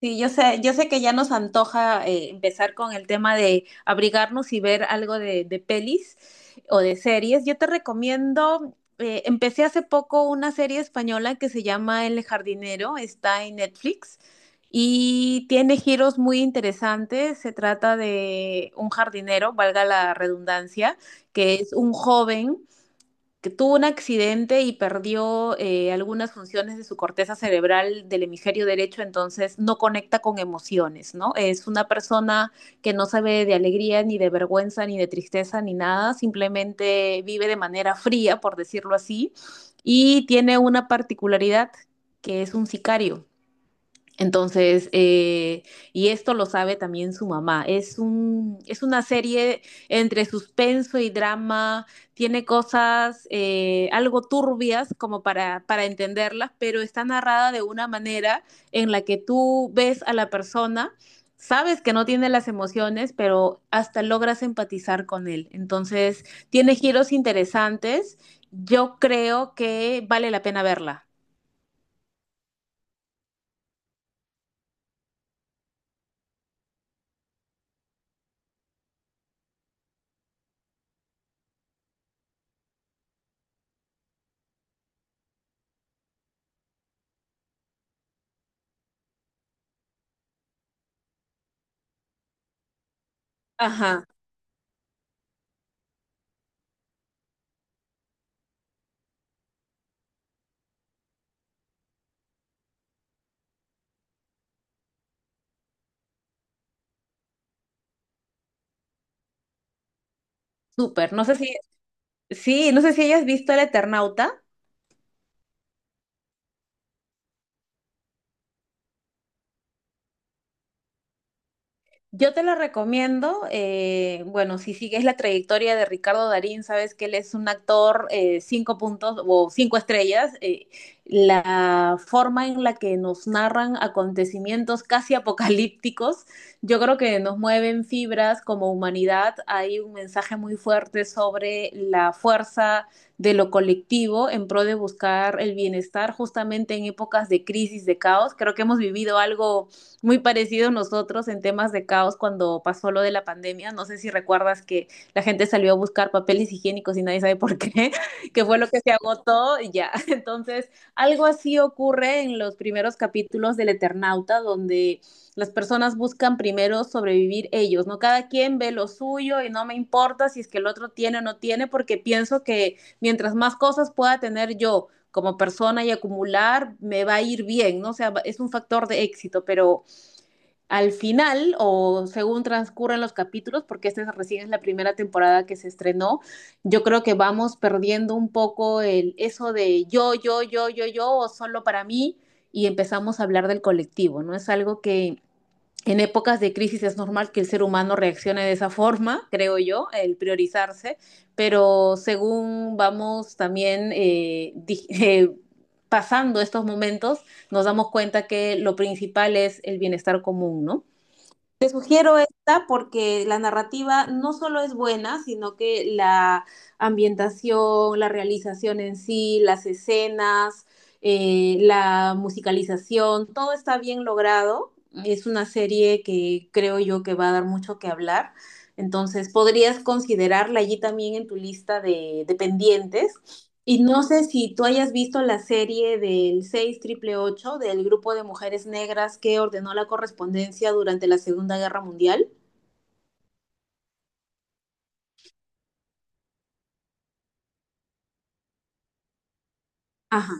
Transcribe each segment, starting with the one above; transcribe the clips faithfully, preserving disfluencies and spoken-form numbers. Sí, yo sé, yo sé que ya nos antoja eh, empezar con el tema de abrigarnos y ver algo de, de pelis o de series. Yo te recomiendo, eh, empecé hace poco una serie española que se llama El Jardinero, está en Netflix y tiene giros muy interesantes. Se trata de un jardinero, valga la redundancia, que es un joven que tuvo un accidente y perdió eh, algunas funciones de su corteza cerebral del hemisferio derecho, entonces no conecta con emociones, ¿no? Es una persona que no sabe de alegría, ni de vergüenza, ni de tristeza, ni nada, simplemente vive de manera fría, por decirlo así, y tiene una particularidad que es un sicario. Entonces, eh, y esto lo sabe también su mamá. Es un, es una serie entre suspenso y drama. Tiene cosas eh, algo turbias como para, para entenderlas, pero está narrada de una manera en la que tú ves a la persona, sabes que no tiene las emociones, pero hasta logras empatizar con él. Entonces, tiene giros interesantes. Yo creo que vale la pena verla. Ajá. Súper. No sé si Sí, no sé si hayas visto El Eternauta. Yo te la recomiendo. Eh, bueno, si sigues la trayectoria de Ricardo Darín, sabes que él es un actor eh, cinco puntos o cinco estrellas. Eh, la forma en la que nos narran acontecimientos casi apocalípticos, yo creo que nos mueven fibras como humanidad. Hay un mensaje muy fuerte sobre la fuerza de lo colectivo en pro de buscar el bienestar justamente en épocas de crisis, de caos. Creo que hemos vivido algo muy parecido a nosotros en temas de caos cuando pasó lo de la pandemia. No sé si recuerdas que la gente salió a buscar papeles higiénicos y nadie sabe por qué, que fue lo que se agotó y ya. Entonces, algo así ocurre en los primeros capítulos del Eternauta, donde las personas buscan primero sobrevivir ellos, ¿no? Cada quien ve lo suyo y no me importa si es que el otro tiene o no tiene, porque pienso que mientras más cosas pueda tener yo como persona y acumular, me va a ir bien, ¿no? O sea, es un factor de éxito, pero al final, o según transcurren los capítulos, porque esta es- recién es la primera temporada que se estrenó, yo creo que vamos perdiendo un poco el eso de yo, yo, yo, yo, yo, o solo para mí, y empezamos a hablar del colectivo, ¿no? Es algo que en épocas de crisis es normal que el ser humano reaccione de esa forma, creo yo, el priorizarse, pero según vamos también eh, di- eh, pasando estos momentos, nos damos cuenta que lo principal es el bienestar común, ¿no? Te sugiero esta porque la narrativa no solo es buena, sino que la ambientación, la realización en sí, las escenas, eh, la musicalización, todo está bien logrado. Es una serie que creo yo que va a dar mucho que hablar. Entonces, podrías considerarla allí también en tu lista de, de pendientes y no sé si tú hayas visto la serie del seis triple ocho del grupo de mujeres negras que ordenó la correspondencia durante la Segunda Guerra Mundial. Ajá.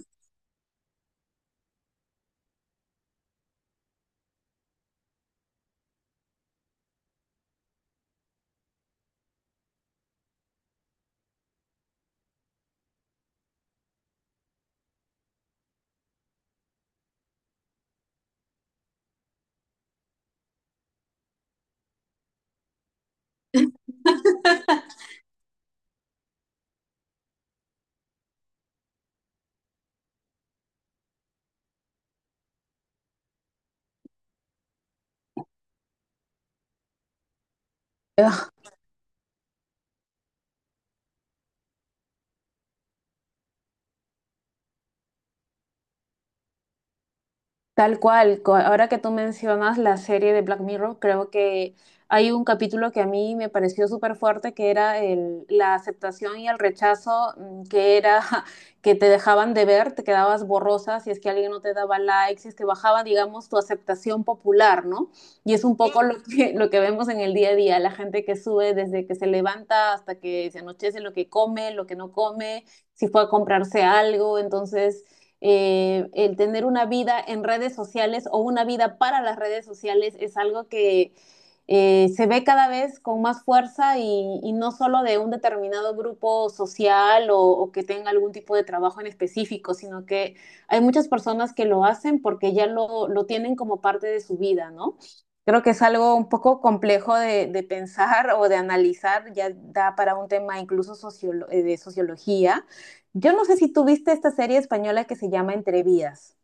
Tal cual, co- ahora que tú mencionas la serie de Black Mirror, creo que hay un capítulo que a mí me pareció súper fuerte, que era el, la aceptación y el rechazo, mm, que era que te dejaban de ver, te quedabas borrosa si es que alguien no te daba likes, si es que bajaba, digamos, tu aceptación popular, ¿no? Y es un poco lo que, lo que vemos en el día a día, la gente que sube desde que se levanta hasta que se anochece, lo que come, lo que no come, si fue a comprarse algo, entonces eh, el tener una vida en redes sociales o una vida para las redes sociales es algo que eh, se ve cada vez con más fuerza y, y no solo de un determinado grupo social o, o, que tenga algún tipo de trabajo en específico, sino que hay muchas personas que lo hacen porque ya lo, lo tienen como parte de su vida, ¿no? Creo que es algo un poco complejo de, de pensar o de analizar, ya da para un tema incluso sociolo eh, de sociología, yo no sé si tú viste esta serie española que se llama Entrevías.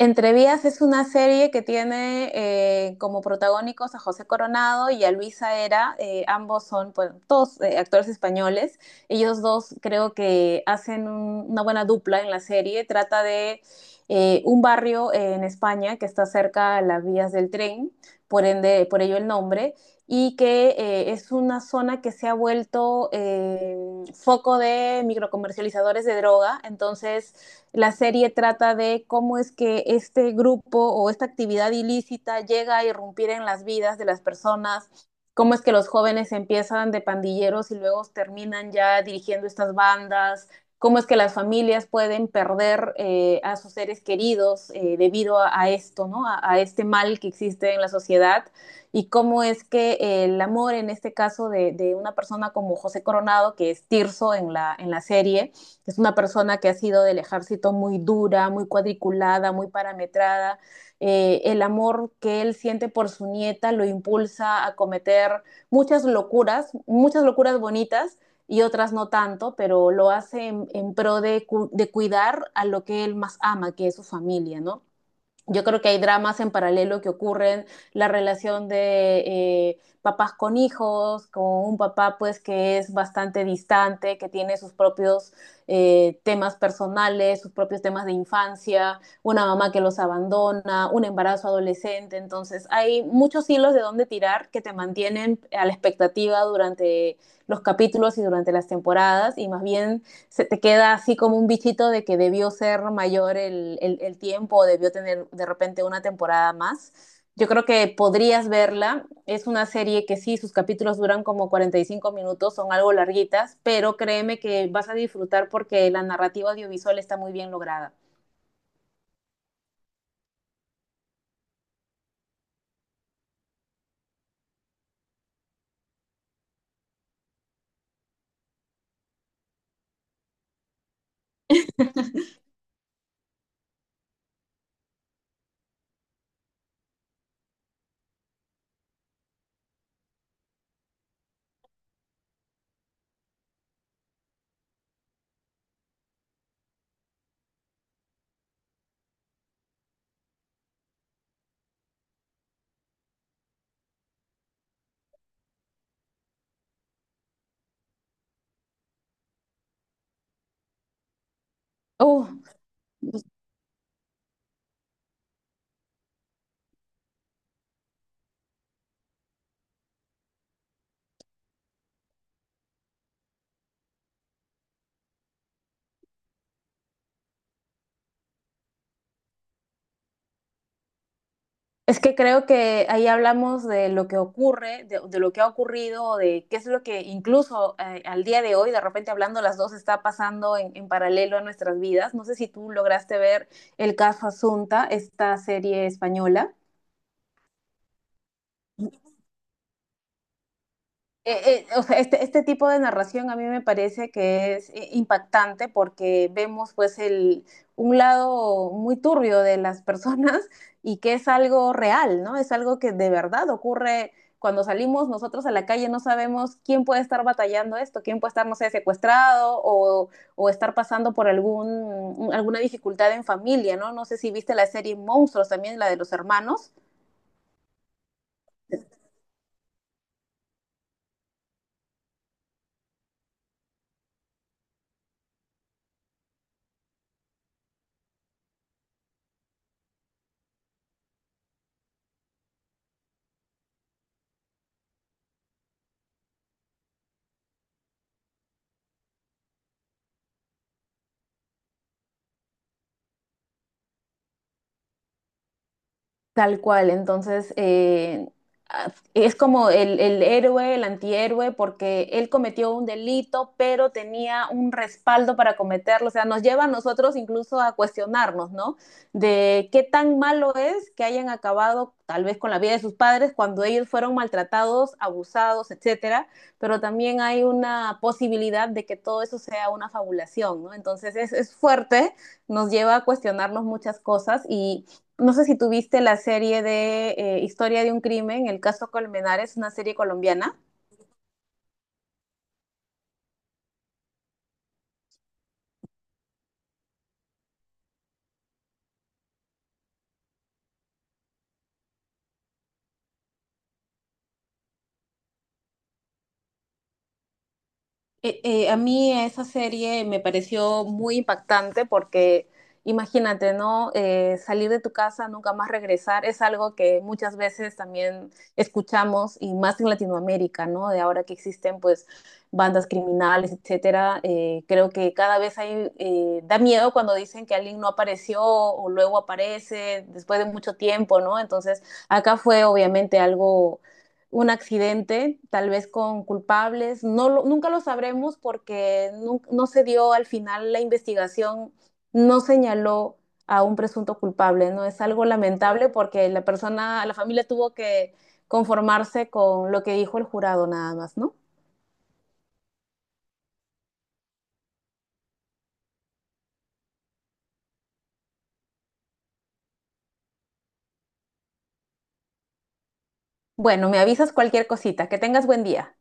Entre Vías es una serie que tiene eh, como protagónicos a José Coronado y a Luisa Era. Eh, ambos son, pues, todos eh, actores españoles. Ellos dos creo que hacen un- una buena dupla en la serie. Trata de eh, un barrio eh, en España que está cerca a las vías del tren, por ende, por ello el nombre, y que eh, es una zona que se ha vuelto eh, foco de microcomercializadores de droga. Entonces, la serie trata de cómo es que este grupo o esta actividad ilícita llega a irrumpir en las vidas de las personas, cómo es que los jóvenes empiezan de pandilleros y luego terminan ya dirigiendo estas bandas, cómo es que las familias pueden perder eh, a sus seres queridos eh, debido a, a, esto, ¿no? A, a, este mal que existe en la sociedad y cómo es que eh, el amor, en este caso de, de una persona como José Coronado, que es Tirso en la, en la serie, es una persona que ha sido del ejército muy dura, muy cuadriculada, muy parametrada. Eh, el amor que él siente por su nieta lo impulsa a cometer muchas locuras, muchas locuras bonitas y otras no tanto, pero lo hace en, en pro de, cu de, cuidar a lo que él más ama, que es su familia, ¿no? Yo creo que hay dramas en paralelo que ocurren, la relación de eh, papás con hijos, con un papá pues que es bastante distante, que tiene sus propios eh, temas personales, sus propios temas de infancia, una mamá que los abandona, un embarazo adolescente. Entonces hay muchos hilos de dónde tirar que te mantienen a la expectativa durante los capítulos y durante las temporadas y más bien se te queda así como un bichito de que debió ser mayor el, el, el tiempo o debió tener de repente una temporada más. Yo creo que podrías verla. Es una serie que sí, sus capítulos duran como cuarenta y cinco minutos, son algo larguitas, pero créeme que vas a disfrutar porque la narrativa audiovisual está muy bien lograda. Uh, Es que creo que ahí hablamos de lo que ocurre, de, de lo que ha ocurrido, de qué es lo que incluso eh, al día de hoy, de repente hablando las dos, está pasando en, en, paralelo a nuestras vidas. No sé si tú lograste ver el caso Asunta, esta serie española. Eh, eh, o sea, este, este tipo de narración a mí me parece que es eh, impactante porque vemos pues el, un lado muy turbio de las personas y que es algo real, ¿no? Es algo que de verdad ocurre cuando salimos nosotros a la calle, no sabemos quién puede estar batallando esto, quién puede estar, no sé, secuestrado o, o estar pasando por algún, alguna dificultad en familia, ¿no? No sé si viste la serie Monstruos también, la de los hermanos. Tal cual, entonces eh, ah, es como el, el héroe, el antihéroe, porque él cometió un delito, pero tenía un respaldo para cometerlo. O sea, nos lleva a nosotros incluso a cuestionarnos, ¿no? De qué tan malo es que hayan acabado tal vez con la vida de sus padres cuando ellos fueron maltratados, abusados, etcétera. Pero también hay una posibilidad de que todo eso sea una fabulación, ¿no? Entonces es, es fuerte, nos lleva a cuestionarnos muchas cosas y no sé si tuviste la serie de eh, Historia de un crimen, el caso Colmenares, una serie colombiana. Eh, eh, a mí esa serie me pareció muy impactante porque imagínate, ¿no? Eh, salir de tu casa, nunca más regresar, es algo que muchas veces también escuchamos y más en Latinoamérica, ¿no? De ahora que existen pues bandas criminales, etcétera, eh, creo que cada vez hay, eh, da miedo cuando dicen que alguien no apareció o luego aparece después de mucho tiempo, ¿no? Entonces acá fue obviamente algo un accidente, tal vez con culpables. No lo- nunca lo sabremos porque no no se dio al final la investigación, no señaló a un presunto culpable, ¿no? Es algo lamentable porque la persona, la familia tuvo que conformarse con lo que dijo el jurado nada más, ¿no? Bueno, me avisas cualquier cosita. Que tengas buen día.